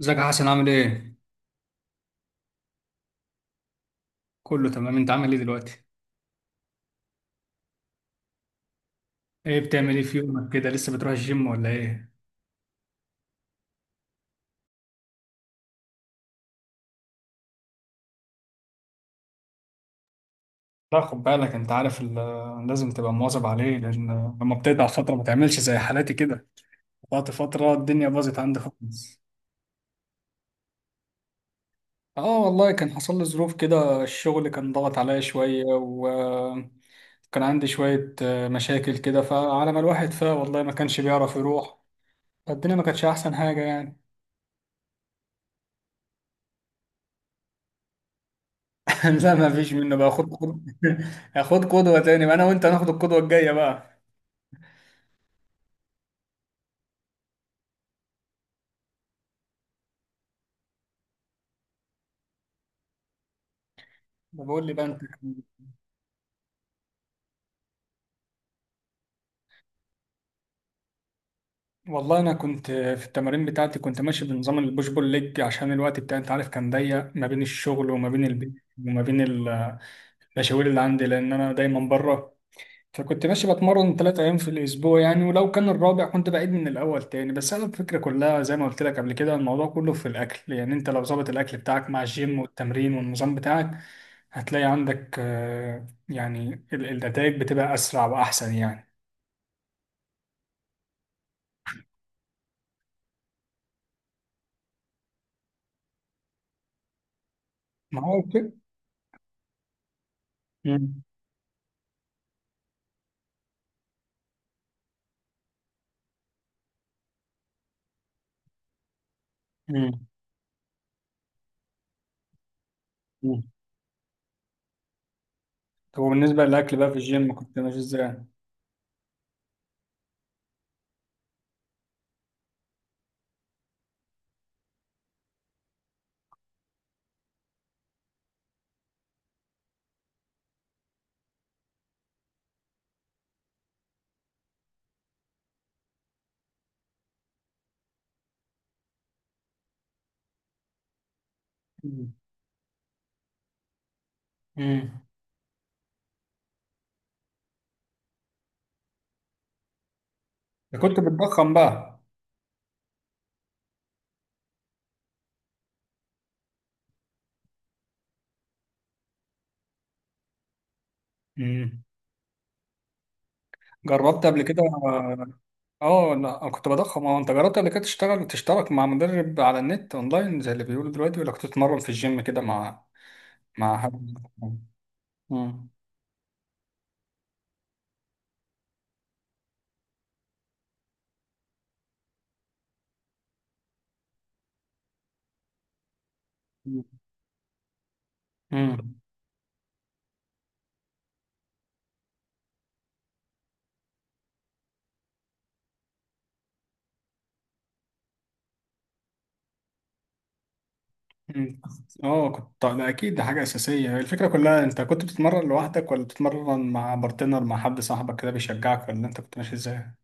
ازيك يا حسن، عامل ايه؟ كله تمام، انت عامل ايه دلوقتي؟ بتعمل ايه في يومك كده، لسه بتروح الجيم ولا ايه؟ لا خد بالك، انت عارف لازم تبقى مواظب عليه. لما بتقطع فترة ما تعملش زي حالاتي كده، قطعت فترة الدنيا باظت عندي خالص. اه والله كان حصل لي ظروف كده، الشغل كان ضغط عليا شوية وكان عندي شوية مشاكل كده، فعلى ما الواحد والله ما كانش بيعرف يروح، فالدنيا ما كانتش احسن حاجة يعني. لا ما فيش منه بقى، خد خد. خد قدوة تاني بقى، انا وانت هناخد القدوة الجاية بقى. ده بقول لي بقى انت. والله انا كنت في التمارين بتاعتي كنت ماشي بنظام البوش بول ليج، عشان الوقت بتاعي انت عارف كان ضيق ما بين الشغل وما بين البيت وما بين المشاوير اللي عندي، لان انا دايما بره. فكنت ماشي بتمرن 3 أيام في الأسبوع يعني، ولو كان الرابع كنت بعيد من الأول تاني. بس أنا الفكرة كلها زي ما قلت لك قبل كده، الموضوع كله في الأكل يعني. أنت لو ظابط الأكل بتاعك مع الجيم والتمرين والنظام بتاعك، هتلاقي عندك يعني النتائج بتبقى أسرع وأحسن يعني. ما هو كده. مم. مم. مم. طب وبالنسبة للأكل بقى في الجيم، كنت ماشي إزاي؟ مم. مم. كنت بتضخم بقى. مم. جربت قبل كده؟ اه لا أنا كنت بضخم. اه انت جربت قبل كده تشتغل، تشترك مع مدرب على النت اونلاين زي اللي بيقولوا دلوقتي، ولا كنت تتمرن في الجيم كده مع مع حد؟ مم. مم. مم. اه كنت، ده اكيد ده حاجة اساسية. الفكرة كلها انت كنت بتتمرن لوحدك ولا بتتمرن مع بارتنر مع حد صاحبك كده بيشجعك، ولا انت كنت ماشي ازاي؟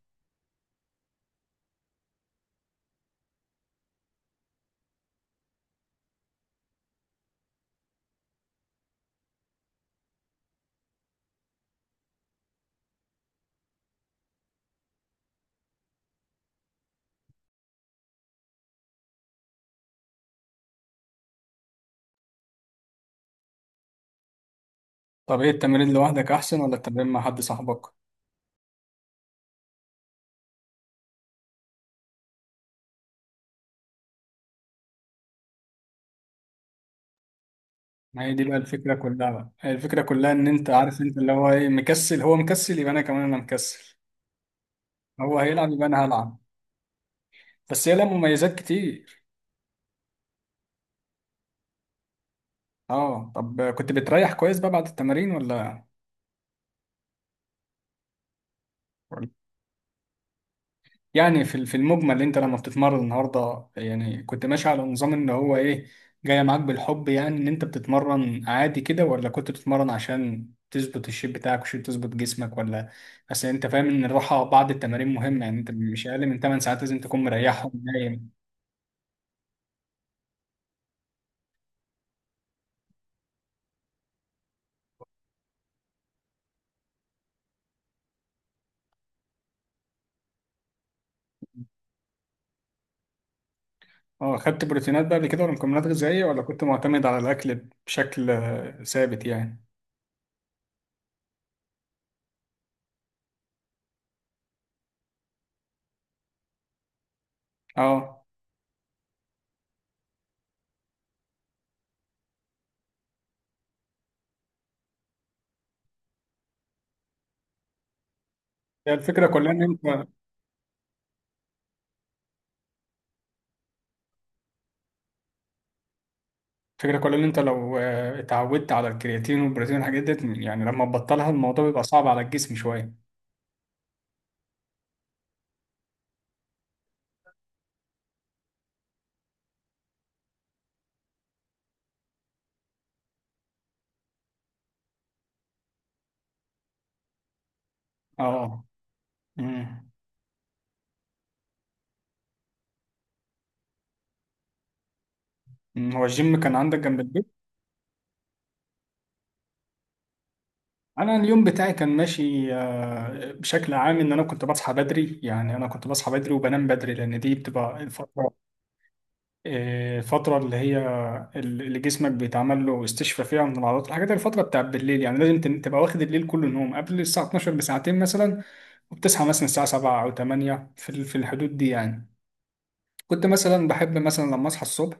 طب ايه، التمرين لوحدك احسن ولا التمرين مع حد صاحبك؟ ما هي دي بقى الفكرة كلها بقى، هي الفكرة كلها ان انت عارف، انت اللي هو ايه، مكسل، هو مكسل يبقى انا كمان انا مكسل، هو هيلعب يبقى انا هلعب. بس هي لها مميزات كتير. اه طب كنت بتريح كويس بقى بعد التمارين ولا؟ ولا- يعني في المجمل انت لما بتتمرن النهارده يعني، كنت ماشي على نظام ان هو ايه، جاي معاك بالحب يعني، ان انت بتتمرن عادي كده، ولا كنت بتتمرن عشان تظبط الشيب بتاعك وشيب، تظبط جسمك، ولا؟ اصل انت فاهم ان الراحه بعد التمارين مهمه يعني، انت مش اقل من 8 ساعات لازم تكون مريحهم نايم. اه خدت بروتينات بقى قبل كده ولا مكملات غذائيه، ولا كنت معتمد على الاكل بشكل ثابت يعني؟ اه. هي الفكرة كلها إن أنت، الفكرة كلها إن أنت لو اتعودت على الكرياتين والبروتين والحاجات ديت، يعني لما تبطلها الموضوع بيبقى صعب على الجسم شوية. اه. أمم. أمم. هو الجيم كان عندك جنب البيت؟ أنا اليوم بتاعي كان ماشي بشكل عام، إن أنا كنت بصحى بدري يعني، أنا كنت بصحى بدري وبنام بدري، لأن دي بتبقى الفترة، فترة اللي هي اللي جسمك بيتعمل له استشفاء فيها من العضلات، الحاجات دي الفترة بتاعت بالليل يعني. لازم تبقى واخد الليل كله نوم، قبل الساعة 12 بساعتين مثلا، وبتصحى مثلا الساعة 7 أو 8 في الحدود دي يعني. كنت مثلا بحب مثلا لما أصحى الصبح،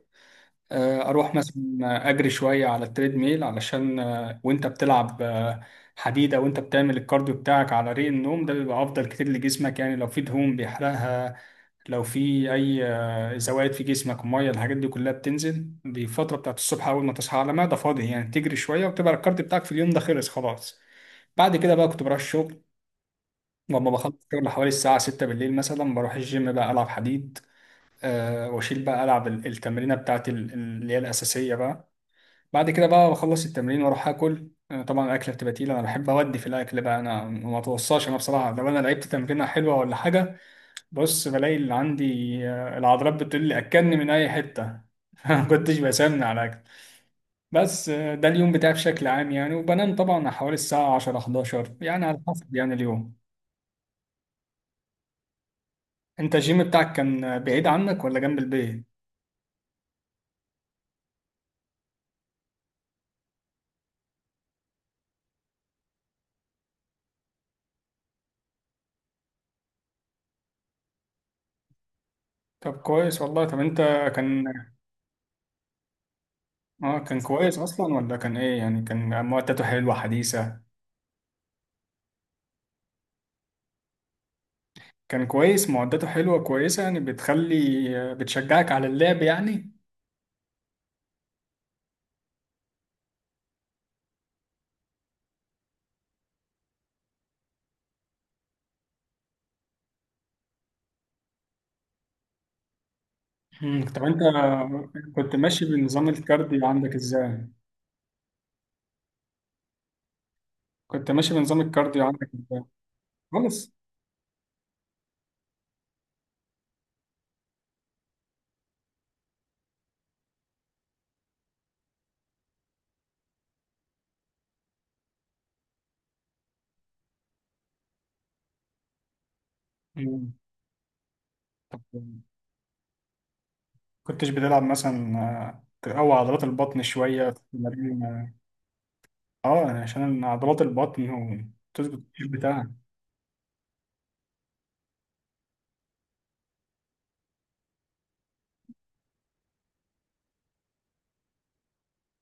أروح مثلا أجري شوية على التريد ميل، علشان وأنت بتلعب حديد أو أنت بتعمل الكارديو بتاعك على ريق النوم، ده بيبقى أفضل كتير لجسمك يعني، لو في دهون بيحرقها، لو في اي زوائد في جسمك، ميه، الحاجات دي كلها بتنزل. دي الفتره بتاعت الصبح، اول ما تصحى على معده فاضي يعني، تجري شويه وتبقى الكارت بتاعك في اليوم ده خلص خلاص. بعد كده بقى كنت بروح الشغل، لما بخلص الشغل حوالي الساعه 6 بالليل مثلا بروح الجيم بقى، العب حديد. أه واشيل بقى، العب التمرينه بتاعت اللي هي الاساسيه بقى. بعد كده بقى بخلص التمرين واروح اكل. طبعا الاكله بتبقى تقيله، انا بحب اودي في الاكل بقى، انا ما اتوصاش، انا بصراحه لو انا لعبت تمرينه حلوه ولا حاجه، بص بلاقي اللي عندي، العضلات بتقول لي اكلني من اي حته. ما كنتش بسمن على الاكل. بس ده اليوم بتاعي بشكل عام يعني، وبنام طبعا حوالي الساعه 10 11 يعني على حسب يعني اليوم. انت الجيم بتاعك كان بعيد عنك ولا جنب البيت؟ طب كويس والله. طب انت كان، اه كان كويس اصلا ولا كان ايه يعني؟ كان معدته حلوه حديثه؟ كان كويس معدته حلوه كويسه يعني، بتخلي، بتشجعك على اللعب يعني. مم، طب انت كنت ماشي بنظام الكارديو عندك ازاي؟ كنت ماشي بنظام الكارديو عندك إزاي؟ خالص. مم. طب كنتش بتلعب مثلا، تقوي عضلات البطن شوية في التمارين؟ آه عشان عضلات البطن، وتظبط الجيب بتاعها.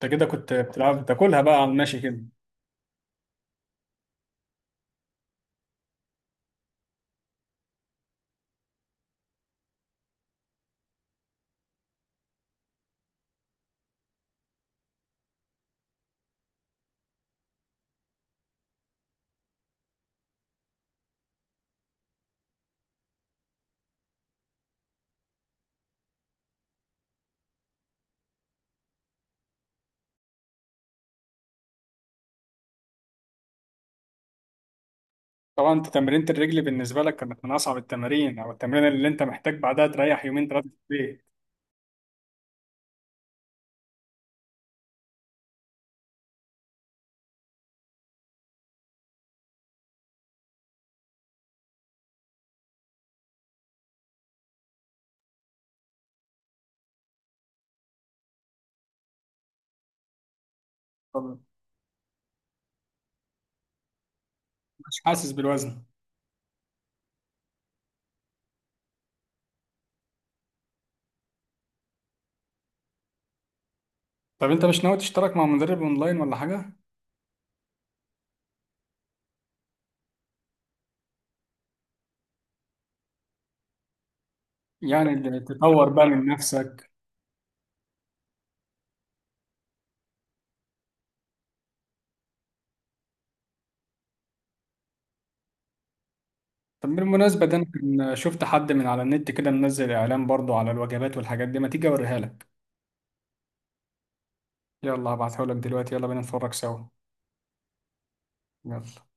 انت كده كنت بتلعب بتاكلها بقى على الماشي كده. طبعا انت تمرينة الرجل بالنسبة لك كانت من أصعب التمارين، أو التمرين اللي انت محتاج بعدها تريح يومين ثلاثة في البيت. طب مش حاسس بالوزن. طب انت مش ناوي تشترك مع مدرب اونلاين ولا حاجة؟ يعني اللي تطور بقى من نفسك. طب بالمناسبة، ده أنا شفت حد من على النت كده منزل إعلان برضو على الوجبات والحاجات دي، ما تيجي أوريها لك. يلا هبعتهولك دلوقتي، يلا بينا نتفرج سوا. يلا.